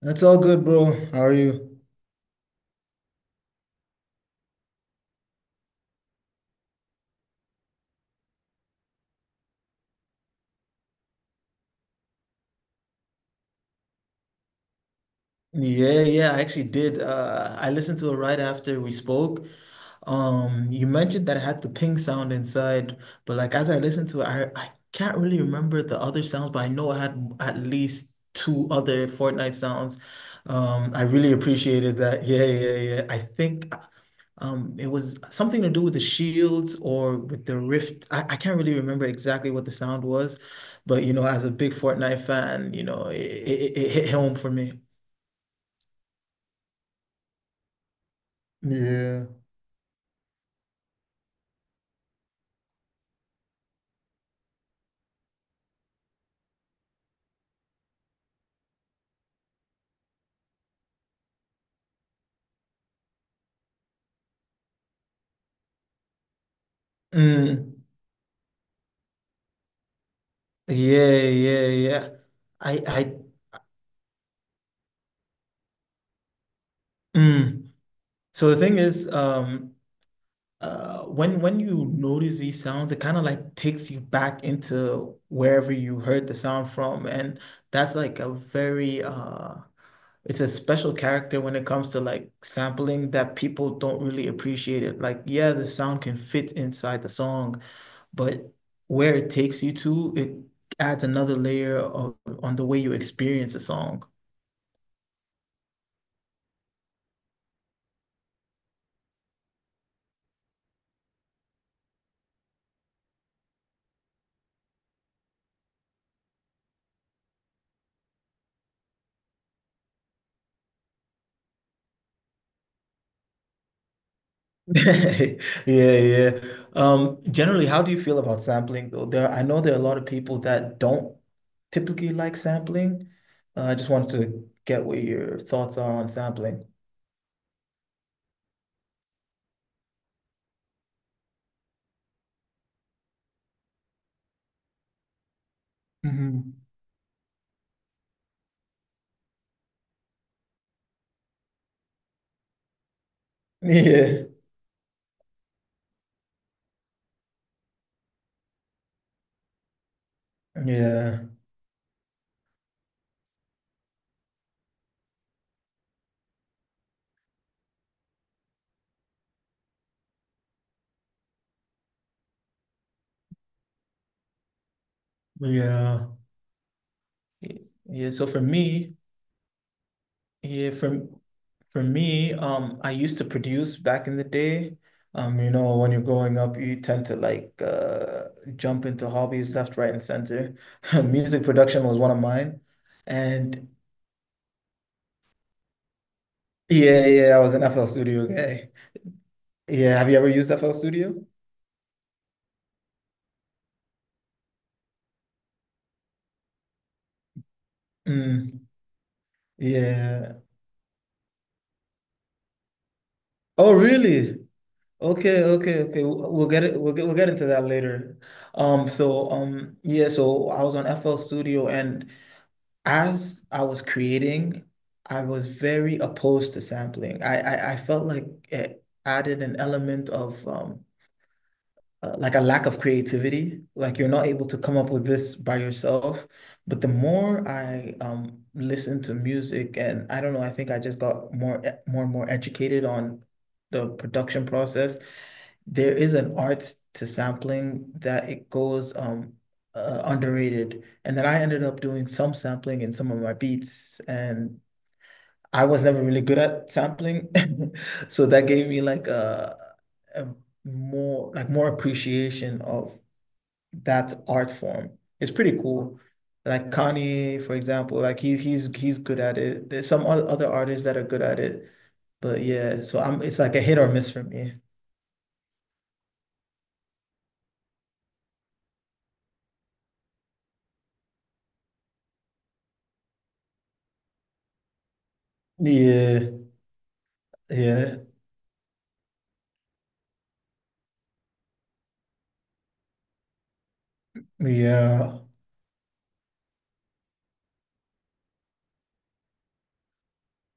That's all good, bro. How are you? Yeah, yeah, I actually did. I listened to it right after we spoke. You mentioned that it had the ping sound inside, but like as I listened to it, I can't really remember the other sounds, but I know I had at least two other Fortnite sounds. I really appreciated that. Yeah, yeah, yeah. I think it was something to do with the shields or with the rift. I can't really remember exactly what the sound was, but as a big Fortnite fan, it hit home for me. Yeah. Mm, yeah, yeah, yeah. I, I, mm. So the thing is, when you notice these sounds, it kind of like takes you back into wherever you heard the sound from, and that's like a very it's a special character when it comes to like sampling that people don't really appreciate it. Like, yeah, the sound can fit inside the song, but where it takes you to, it adds another layer of on the way you experience a song. Yeah, yeah. Generally, how do you feel about sampling though? I know there are a lot of people that don't typically like sampling. I just wanted to get what your thoughts are on sampling. Mhm. Yeah, yeah, yeah, yeah. So for me, yeah, for me, I used to produce back in the day. When you're growing up, you tend to like jump into hobbies left, right, and center. Music production was one of mine. And yeah, yeah, I was an FL Studio guy. Yeah, have you ever used FL Studio? Mm, yeah. Oh, really? Okay, okay, okay. We'll get it. We'll get into that later. Yeah. So I was on FL Studio, and as I was creating, I was very opposed to sampling. I felt like it added an element of like a lack of creativity. Like you're not able to come up with this by yourself. But the more I listened to music, and I don't know, I think I just got more and more educated on the production process. There is an art to sampling that it goes underrated. And then I ended up doing some sampling in some of my beats, and I was never really good at sampling, so that gave me like a more appreciation of that art form. It's pretty cool. Like Kanye, for example, like he's good at it. There's some other artists that are good at it, but yeah. So I'm it's like a hit or miss for me. Yeah, yeah. Yeah.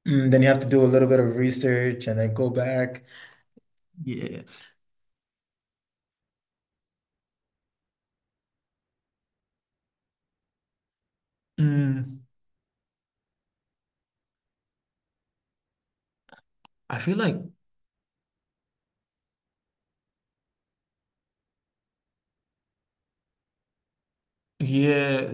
Then you have to do a little bit of research and then go back. Yeah. Mm, I feel like, yeah,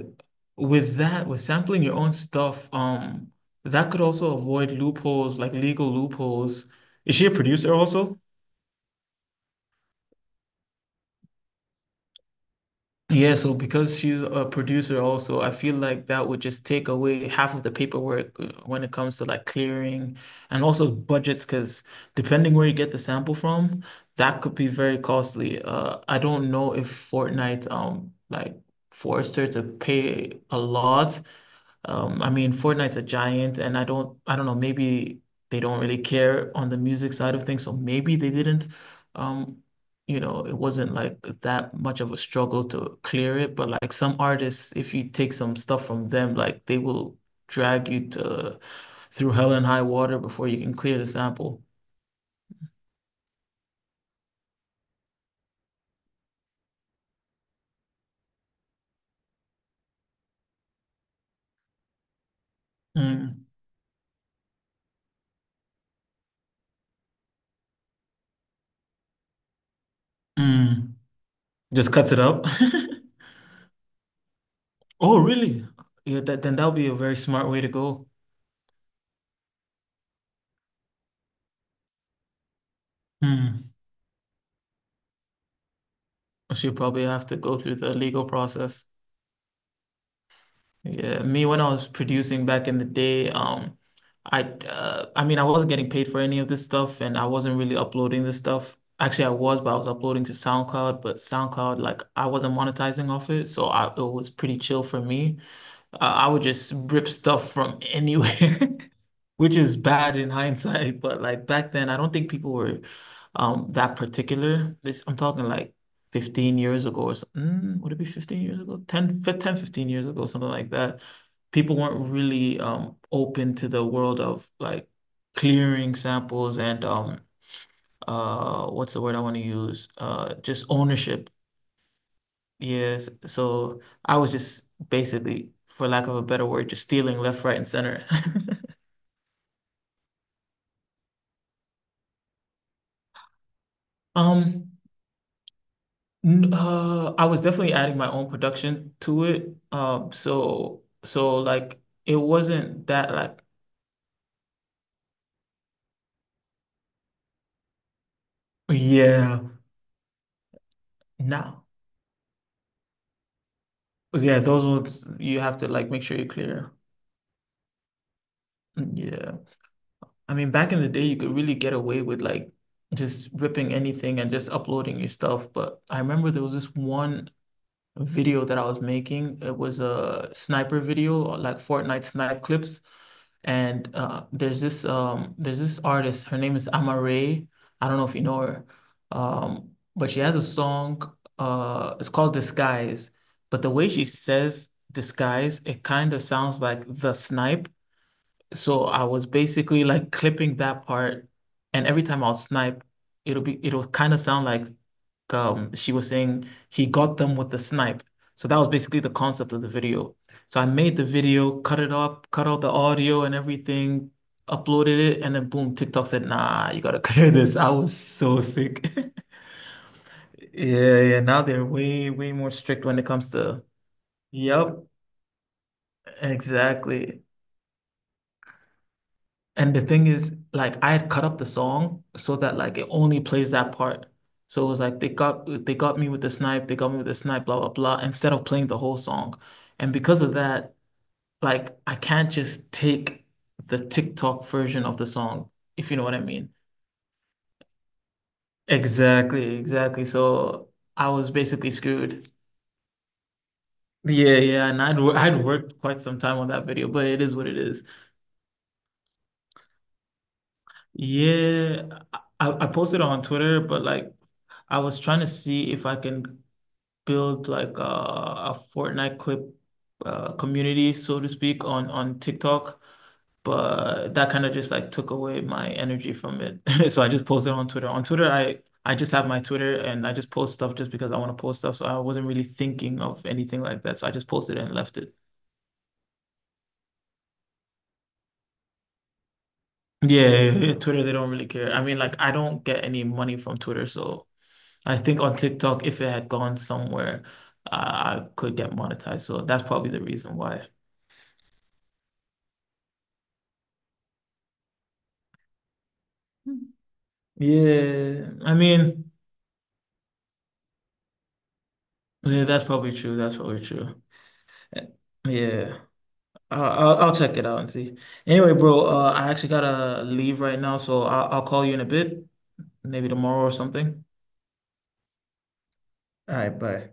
with that, with sampling your own stuff, that could also avoid loopholes, like legal loopholes. Is she a producer also? Yeah, so because she's a producer also, I feel like that would just take away half of the paperwork, when it comes to like clearing and also budgets, because depending where you get the sample from, that could be very costly. I don't know if Fortnite like forced her to pay a lot. I mean, Fortnite's a giant, and I don't know, maybe they don't really care on the music side of things, so maybe they didn't. Um, it wasn't like that much of a struggle to clear it, but like some artists, if you take some stuff from them, like they will drag you to through hell and high water before you can clear the sample. Mm, mm. Just cuts it up. Oh, really? Yeah, that then that would be a very smart way to go. Hmm. She'll probably have to go through the legal process. Yeah, me when I was producing back in the day, I mean I wasn't getting paid for any of this stuff, and I wasn't really uploading this stuff. Actually, I was, but I was uploading to SoundCloud, but SoundCloud like I wasn't monetizing off it, so I it was pretty chill for me. I would just rip stuff from anywhere, which is bad in hindsight. But like back then, I don't think people were that particular. This I'm talking like 15 years ago or something. Would it be 15 years ago? 10, 15 years ago, something like that. People weren't really open to the world of like clearing samples and what's the word I want to use? Just ownership. Yes, so I was just basically, for lack of a better word, just stealing left, right, and center. Um, I was definitely adding my own production to it. So like it wasn't that like yeah, no. Yeah, those ones you have to like make sure you're clear. Mm, yeah. I mean, back in the day you could really get away with like just ripping anything and just uploading your stuff, but I remember there was this one video that I was making. It was a sniper video, like Fortnite snipe clips. And there's this artist. Her name is Amare. I don't know if you know her, but she has a song. It's called Disguise. But the way she says disguise, it kind of sounds like the snipe. So I was basically like clipping that part, and every time I'll snipe, it'll kind of sound like she was saying he got them with the snipe. So that was basically the concept of the video. So I made the video, cut it up, cut out the audio and everything, uploaded it, and then boom, TikTok said, "Nah, you gotta clear this." I was so sick. Yeah, yeah. Now they're way, way more strict when it comes to. Yep, exactly. And the thing is, like I had cut up the song so that like it only plays that part. So it was like they got me with the snipe, they got me with the snipe, blah blah blah, instead of playing the whole song. And because of that, like I can't just take the TikTok version of the song, if you know what I mean. Exactly, exactly. So I was basically screwed. Yeah, yeah, and I'd worked quite some time on that video, but it is what it is. Yeah, I posted it on Twitter, but like I was trying to see if I can build like a Fortnite clip, community, so to speak, on TikTok, but that kind of just like took away my energy from it. So I just posted on Twitter. On Twitter, I just have my Twitter and I just post stuff just because I want to post stuff. So I wasn't really thinking of anything like that. So I just posted and left it. Yeah, yeah, yeah, yeah, Twitter, they don't really care. I mean, like I don't get any money from Twitter, so I think on TikTok, if it had gone somewhere, I could get monetized. So that's probably the reason why. Yeah, I mean, yeah, that's probably true. That's probably true. Eh, yeah, I'll check it out and see. Anyway, bro, I actually gotta leave right now, so I'll call you in a bit, maybe tomorrow or something. All right, bye.